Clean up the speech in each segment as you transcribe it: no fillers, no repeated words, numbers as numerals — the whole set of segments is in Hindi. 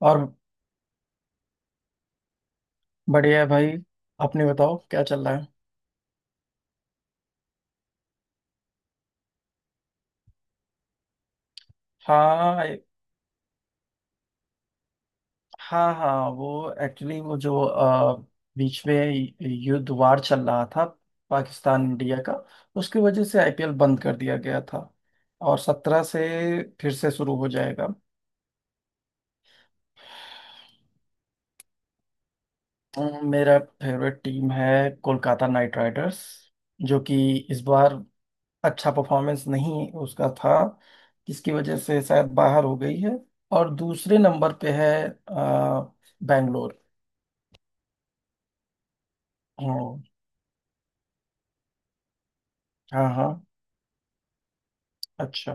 और बढ़िया है भाई। अपने बताओ क्या चल रहा है। हाँ हाँ हाँ वो एक्चुअली वो जो बीच में युद्ध वार चल रहा था। पाकिस्तान इंडिया का। उसकी वजह से आईपीएल बंद कर दिया गया था और 17 से फिर से शुरू हो जाएगा। मेरा फेवरेट टीम है कोलकाता नाइट राइडर्स जो कि इस बार अच्छा परफॉर्मेंस नहीं उसका था। जिसकी वजह से शायद बाहर हो गई है। और दूसरे नंबर पे है आ, बैंगलोर। हम्म, हाँ हाँ। अच्छा।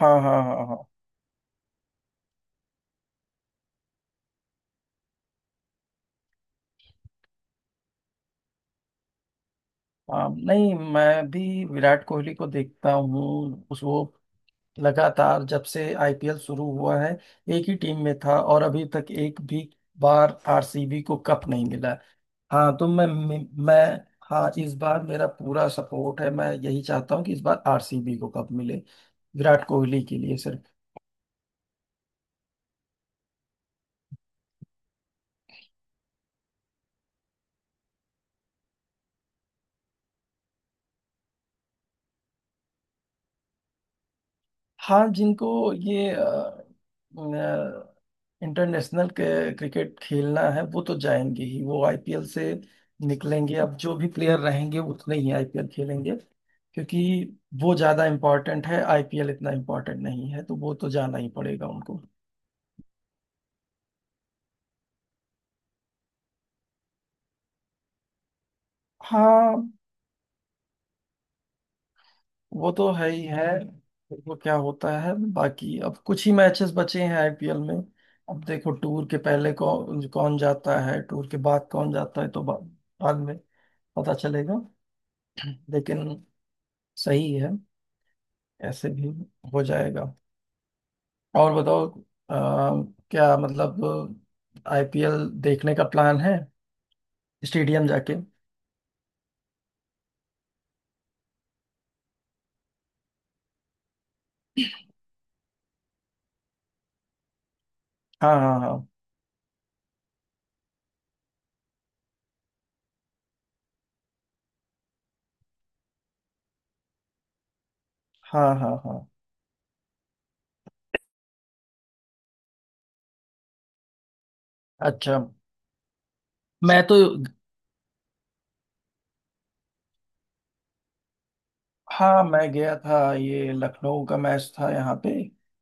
हाँ हाँ हाँ हाँ हाँ। हाँ, नहीं मैं भी विराट कोहली को देखता हूँ उस वो लगातार जब से आईपीएल शुरू हुआ है एक ही टीम में था और अभी तक एक भी बार आरसीबी को कप नहीं मिला। हाँ तो मैं- हाँ इस बार मेरा पूरा सपोर्ट है मैं यही चाहता हूँ कि इस बार आरसीबी को कप मिले विराट कोहली के लिए सिर्फ। हाँ जिनको ये इंटरनेशनल क्रिकेट खेलना है वो तो जाएंगे ही वो आईपीएल से निकलेंगे। अब जो भी प्लेयर रहेंगे उतने ही आईपीएल खेलेंगे क्योंकि वो ज्यादा इम्पोर्टेंट है आईपीएल इतना इम्पोर्टेंट नहीं है तो वो तो जाना ही पड़ेगा उनको। हाँ वो तो है ही है। वो क्या होता है बाकी अब कुछ ही मैचेस बचे हैं आईपीएल में। अब देखो टूर के पहले कौन कौन जाता है टूर के बाद कौन जाता है तो बाद में पता चलेगा। लेकिन सही है। ऐसे भी हो जाएगा। और बताओ अ, क्या मतलब आईपीएल देखने का प्लान है स्टेडियम जाके। हाँ हाँ हाँ हाँ हाँ हाँ। अच्छा। मैं तो हाँ मैं गया था ये लखनऊ का मैच था यहाँ पे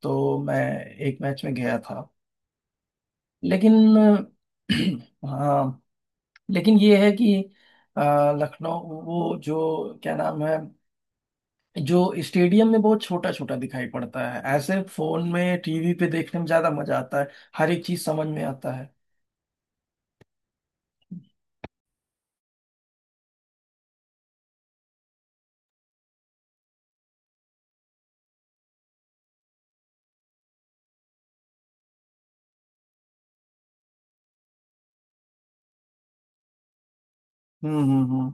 तो मैं एक मैच में गया था। लेकिन हाँ लेकिन ये है कि अ, लखनऊ वो जो क्या नाम है जो स्टेडियम में बहुत छोटा छोटा दिखाई पड़ता है ऐसे फोन में टीवी पे देखने में ज्यादा मजा आता है। हर एक चीज समझ में आता है। हम्म।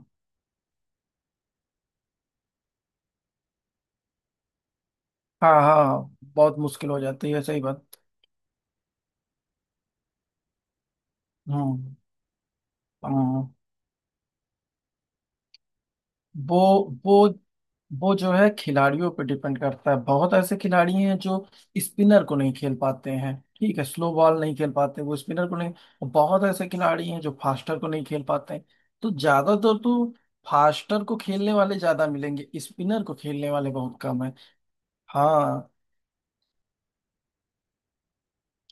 हाँ हाँ बहुत मुश्किल हो जाती है सही बात। हम्म हम्म। वो वो वो जो है खिलाड़ियों पे डिपेंड करता है। बहुत ऐसे खिलाड़ी हैं जो स्पिनर को नहीं खेल पाते हैं ठीक है स्लो बॉल नहीं खेल पाते वो स्पिनर को नहीं। और बहुत ऐसे खिलाड़ी हैं जो फास्टर को नहीं खेल पाते हैं। तो ज्यादातर तो फास्टर को खेलने वाले ज्यादा मिलेंगे स्पिनर को खेलने वाले बहुत कम है। हाँ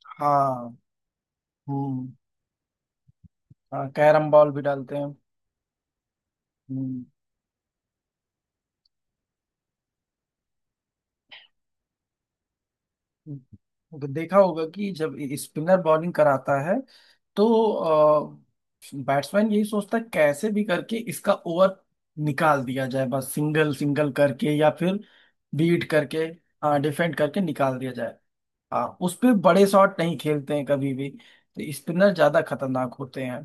हाँ। हम्म। हाँ कैरम बॉल भी डालते हैं। हम्म। तो देखा होगा कि जब स्पिनर बॉलिंग कराता है तो बैट्समैन यही सोचता है कैसे भी करके इसका ओवर निकाल दिया जाए बस सिंगल सिंगल करके या फिर बीट करके डिफेंड करके निकाल दिया जाए। हाँ उस पे बड़े शॉट नहीं खेलते हैं कभी भी तो स्पिनर ज्यादा खतरनाक होते हैं।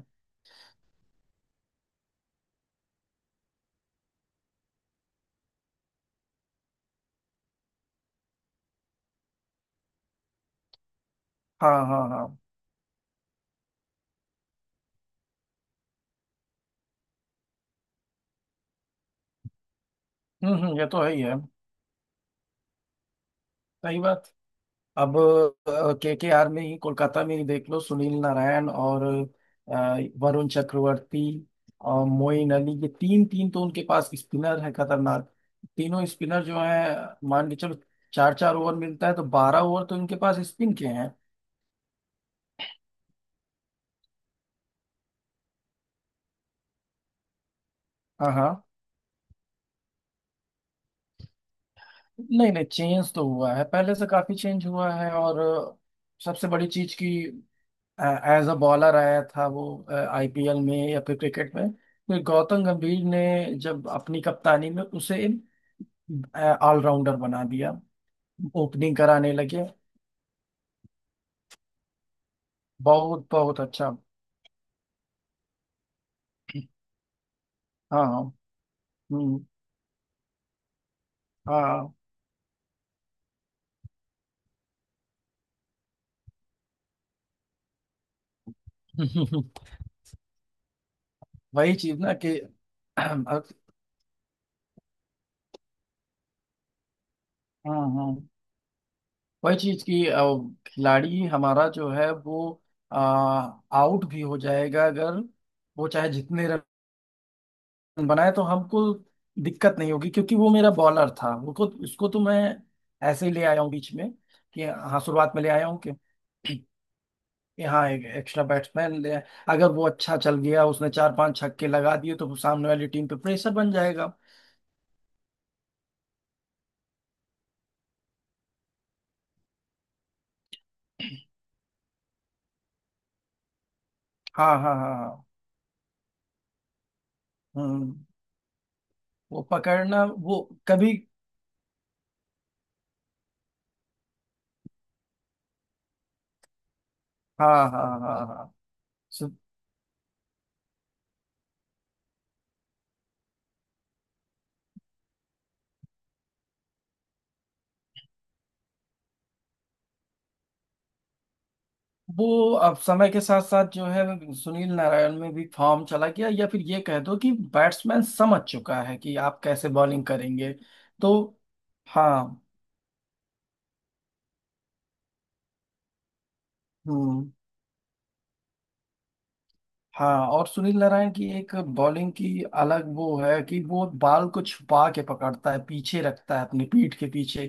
हाँ हाँ हाँ। ये तो है ही है। सही बात। अब के आर में ही कोलकाता में ही देख लो सुनील नारायण और वरुण चक्रवर्ती और मोइन अली ये तीन तीन तो उनके पास स्पिनर है खतरनाक। तीनों स्पिनर जो है मान के चलो चार चार ओवर मिलता है तो 12 ओवर तो इनके पास स्पिन के हैं। हाँ हाँ। नहीं नहीं चेंज तो हुआ है पहले से काफी चेंज हुआ है। और सबसे बड़ी चीज की एज अ बॉलर आया था वो आईपीएल में या फिर क्रिकेट में। फिर गौतम गंभीर ने जब अपनी कप्तानी में उसे ऑलराउंडर बना दिया ओपनिंग कराने लगे। बहुत बहुत अच्छा। हाँ हाँ। हम्म, हाँ वही चीज ना कि हाँ। हाँ वही चीज की खिलाड़ी हमारा जो है वो आउट भी हो जाएगा अगर वो चाहे जितने रन बनाए तो हमको दिक्कत नहीं होगी क्योंकि वो मेरा बॉलर था वो को उसको तो मैं ऐसे ही ले आया हूँ बीच में कि हाँ शुरुआत में ले आया हूँ कि हाँ एक एक्स्ट्रा बैट्समैन ले आए। अगर वो अच्छा चल गया उसने चार पांच छक्के लगा दिए तो सामने वाली टीम पे प्रेशर बन जाएगा। हाँ हाँ हाँ हाँ। हम्म। वो पकड़ना वो कभी। हाँ हाँ हाँ हाँ हाँ। वो अब समय के साथ साथ जो है सुनील नारायण में भी फॉर्म चला गया या फिर ये कह दो कि बैट्समैन समझ चुका है कि आप कैसे बॉलिंग करेंगे तो। हाँ। हम्म। हाँ और सुनील नारायण की एक बॉलिंग की अलग वो है कि वो बॉल को छुपा के पकड़ता है पीछे रखता है अपनी पीठ के पीछे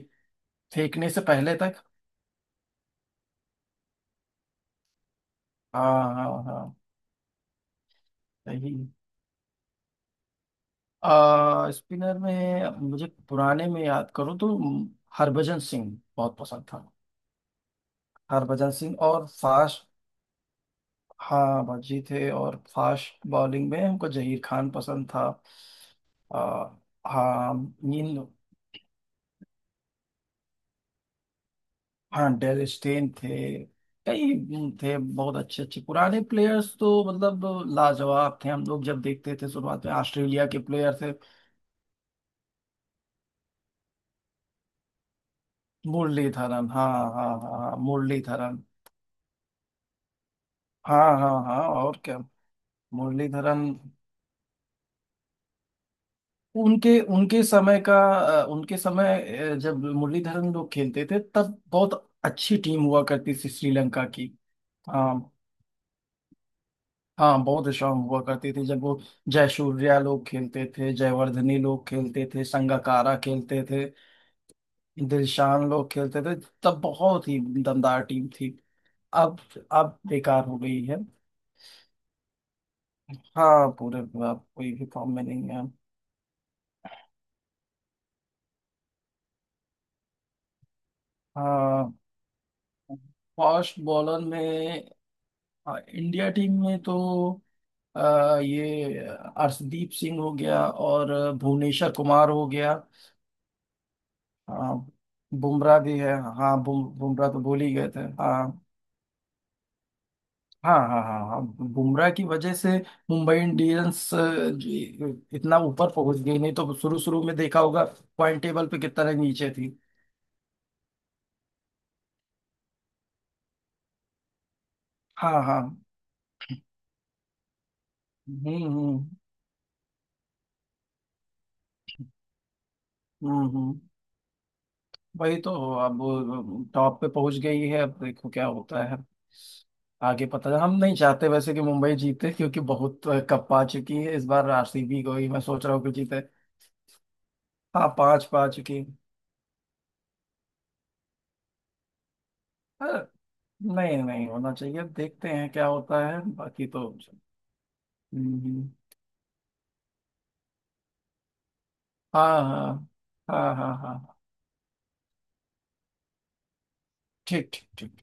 फेंकने से पहले तक। हाँ हाँ हाँ। सही। आ स्पिनर में मुझे पुराने में याद करो तो हरभजन सिंह बहुत पसंद था। हरभजन सिंह और फास्ट। हाँ भज्जी थे और फास्ट बॉलिंग में हमको जहीर खान पसंद था। आ, हाँ इन। हाँ डेल स्टेन थे। कई थे बहुत अच्छे अच्छे पुराने प्लेयर्स तो मतलब लाजवाब थे हम लोग जब देखते थे शुरुआत में ऑस्ट्रेलिया के प्लेयर थे। मुरलीधरन हाँ। हाँ हाँ हाँ मुरलीधरन। हाँ हाँ हाँ और क्या। मुरलीधरन उनके उनके समय का उनके समय जब मुरलीधरन लोग खेलते थे तब बहुत अच्छी टीम हुआ करती थी श्रीलंका की। हाँ हाँ बहुत स्ट्रांग हुआ करती थी जब वो जयसूर्या लोग खेलते थे जयवर्धने लोग खेलते थे संगकारा खेलते थे दिलशान लोग खेलते थे तब बहुत ही दमदार टीम थी। अब अब बेकार हो गई है। हाँ पूरे अब कोई भी फॉर्म में नहीं है। हाँ फास्ट बॉलर में। हाँ इंडिया टीम में तो ये अर्शदीप सिंह हो गया और भुवनेश्वर कुमार हो गया। हाँ बुमराह भी है। हाँ बुमराह तो भूल ही गए थे हाँ। हाँ हाँ हाँ हाँ। बुमराह की वजह से मुंबई इंडियंस जी, इतना ऊपर पहुंच गई नहीं तो शुरू शुरू में देखा होगा पॉइंट टेबल पे कितना नीचे थी। हाँ हाँ। हम्म हम्म हम्म। वही तो अब वो टॉप पे पहुंच गई है अब देखो क्या होता है आगे पता है, हम नहीं चाहते वैसे कि मुंबई जीते क्योंकि बहुत कप पा चुकी है इस बार आरसीबी को ही मैं सोच रहा हूँ कि जीते। हाँ पांच पा चुकी है। अ, नहीं नहीं होना चाहिए देखते हैं क्या होता है बाकी तो। हम्म, हाँ हाँ हाँ हाँ हाँ हाँ। ठीक ठीक ठीक।